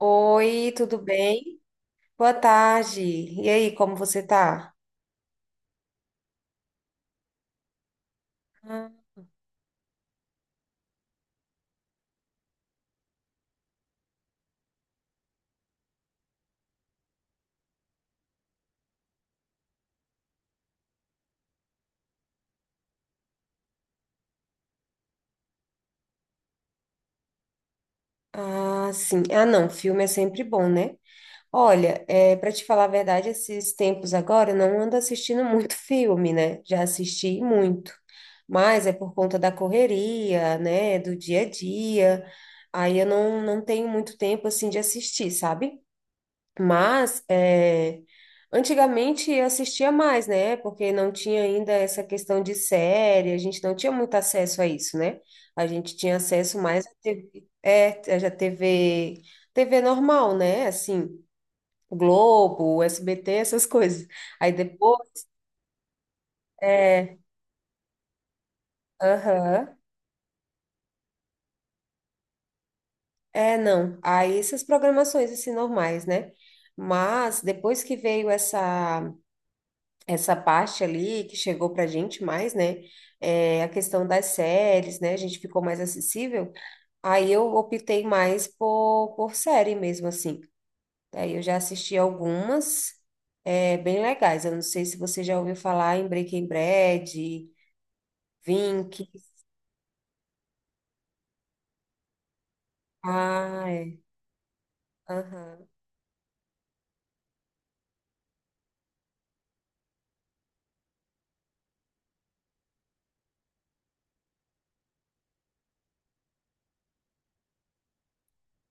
Oi, tudo bem? Boa tarde. E aí, como você tá? Ah, sim. Ah, não, filme é sempre bom, né? Olha, é, para te falar a verdade, esses tempos agora eu não ando assistindo muito filme, né? Já assisti muito, mas é por conta da correria, né? Do dia a dia. Aí eu não tenho muito tempo assim de assistir, sabe? Mas é, antigamente eu assistia mais, né? Porque não tinha ainda essa questão de série, a gente não tinha muito acesso a isso, né? A gente tinha acesso mais à TV, é, já TV, TV normal, né? Assim, Globo, SBT, essas coisas. Aí depois, é, aham, é, não. Aí essas programações assim normais, né? Mas depois que veio essa parte ali que chegou pra gente mais, né? É, a questão das séries, né? A gente ficou mais acessível. Aí eu optei mais por série mesmo, assim. Aí eu já assisti algumas, é, bem legais. Eu não sei se você já ouviu falar em Breaking Bad, Vink. Ah, é. Aham.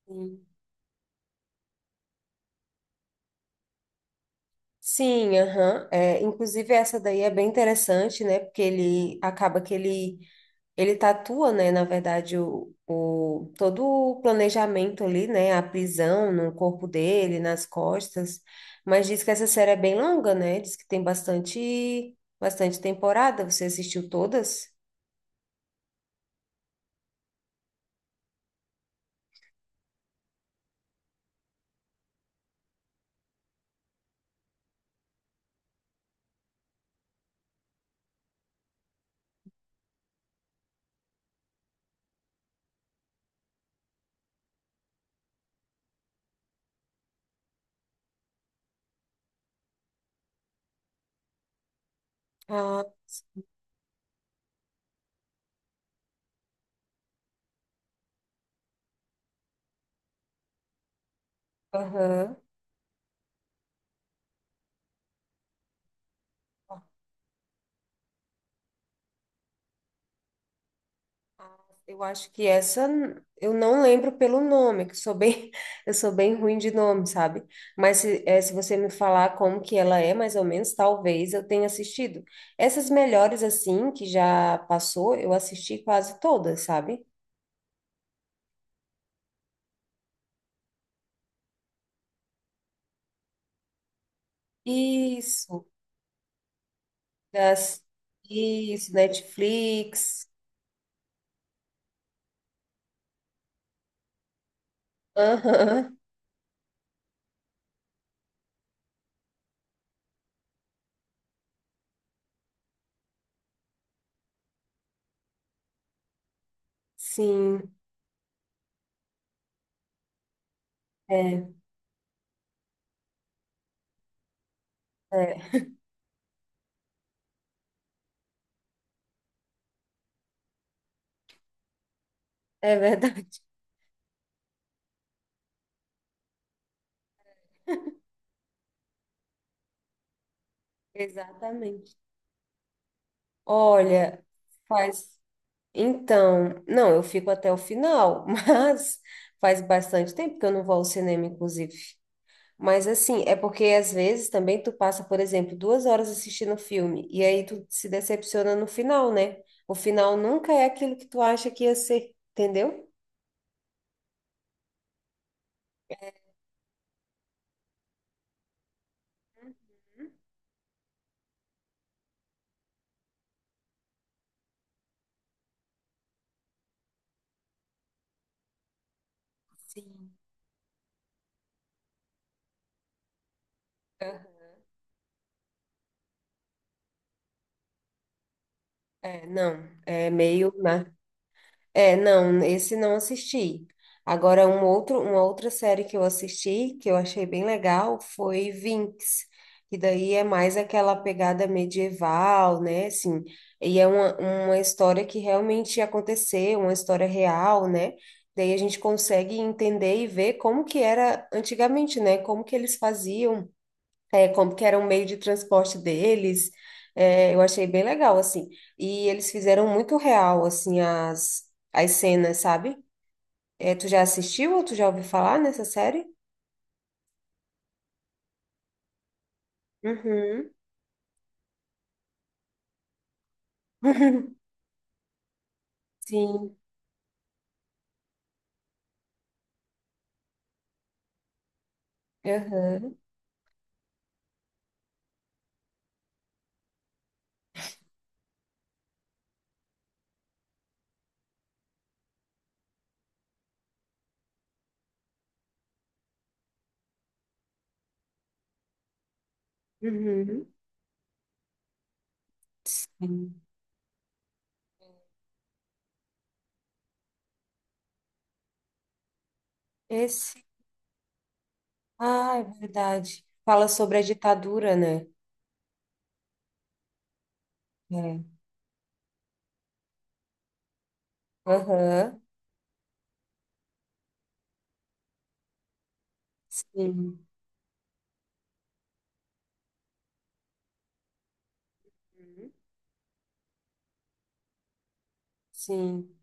Sim. Sim, aham. É, inclusive essa daí é bem interessante, né? Porque ele acaba que ele tatua, né, na verdade, todo o planejamento ali, né, a prisão no corpo dele, nas costas, mas diz que essa série é bem longa, né, diz que tem bastante, bastante temporada, você assistiu todas? Ah, aham. Eu acho que essa eu não lembro pelo nome, que sou bem, eu sou bem ruim de nome, sabe? Mas se, se você me falar como que ela é, mais ou menos, talvez eu tenha assistido. Essas melhores assim que já passou, eu assisti quase todas, sabe? Isso, das, isso, Netflix. Aham, sim, é, é, é verdade. Exatamente. Olha, faz. Então, não, eu fico até o final, mas faz bastante tempo que eu não vou ao cinema, inclusive. Mas assim, é porque às vezes também tu passa, por exemplo, duas horas assistindo um filme e aí tu se decepciona no final, né? O final nunca é aquilo que tu acha que ia ser, entendeu? Sim. Aham. É, não, é meio, né? É, não, esse não assisti. Agora, uma outra série que eu assisti, que eu achei bem legal, foi Vinx, que daí é mais aquela pegada medieval, né? Assim, e é uma história que realmente aconteceu, uma história real, né? Daí a gente consegue entender e ver como que era antigamente, né? Como que eles faziam é, como que era um meio de transporte deles, é, eu achei bem legal, assim. E eles fizeram muito real, assim, as cenas, sabe? É, tu já assistiu ou tu já ouviu falar nessa série? Uhum. Sim. Uhum. Uhum. Sim. Esse. Ah, é verdade. Fala sobre a ditadura, né? É. Aham. Sim. Sim.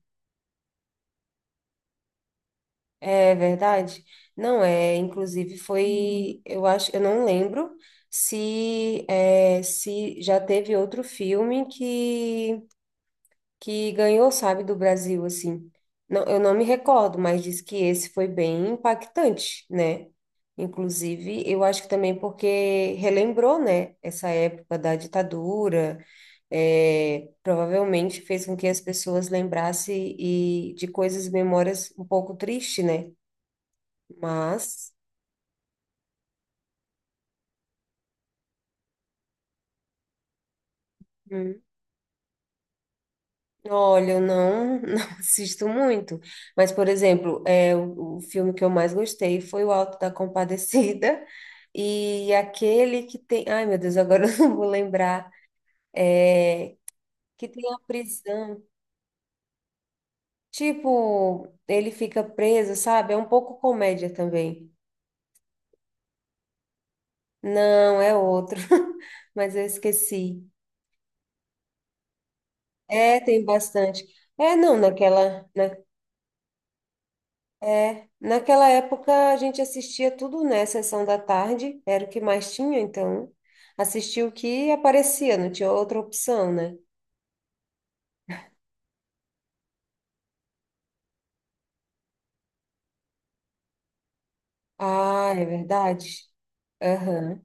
É verdade? Não, é, inclusive foi, eu acho, eu não lembro se é, se já teve outro filme que ganhou, sabe, do Brasil assim. Não, eu não me recordo, mas diz que esse foi bem impactante, né? Inclusive, eu acho que também porque relembrou, né, essa época da ditadura, é, provavelmente fez com que as pessoas lembrassem e de coisas, memórias um pouco tristes, né? Mas, hum, olha, eu não, não assisto muito. Mas, por exemplo, é, o filme que eu mais gostei foi o Alto da Compadecida. E aquele que tem. Ai, meu Deus, agora eu não vou lembrar. É, que tem a prisão. Tipo, ele fica preso, sabe? É um pouco comédia também. Não, é outro. Mas eu esqueci. É, tem bastante. É, não, naquela, Naquela época a gente assistia tudo, né? Sessão da tarde, era o que mais tinha, então assistia o que aparecia, não tinha outra opção, né? Ah, é verdade. Aham.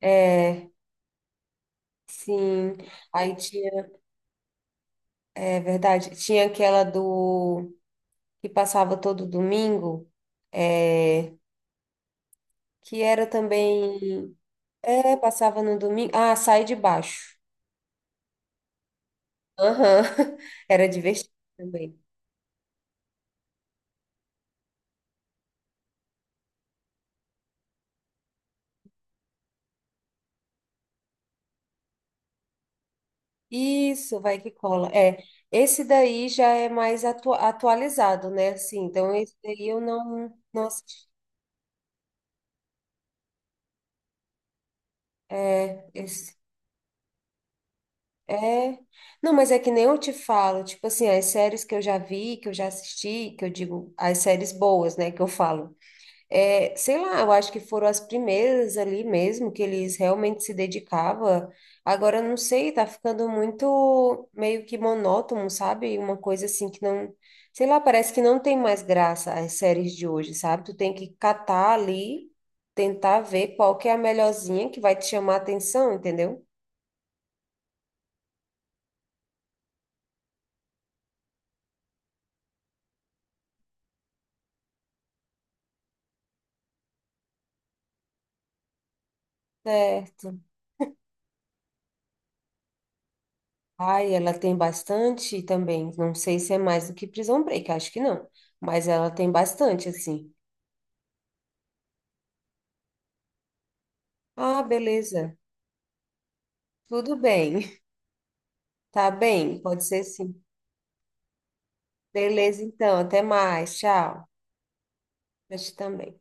É, sim. Aí tinha, é verdade, tinha aquela do que passava todo domingo, é, que era também, é, passava no domingo. Ah, Sai de Baixo. Aham. Era divertido também. Isso, vai que cola. É, esse daí já é mais atualizado, né? Assim, então esse daí eu não, não assisti. É, esse, é. Não, mas é que nem eu te falo, tipo assim, as séries que eu já vi, que eu já assisti, que eu digo, as séries boas, né, que eu falo. É, sei lá, eu acho que foram as primeiras ali mesmo que eles realmente se dedicavam. Agora, não sei, tá ficando muito meio que monótono, sabe? Uma coisa assim que não, sei lá, parece que não tem mais graça as séries de hoje, sabe? Tu tem que catar ali, tentar ver qual que é a melhorzinha que vai te chamar a atenção, entendeu? Certo. Ai, ela tem bastante também. Não sei se é mais do que Prison Break, acho que não, mas ela tem bastante assim. Ah, beleza. Tudo bem, tá bem, pode ser sim. Beleza, então, até mais, tchau. Mas também.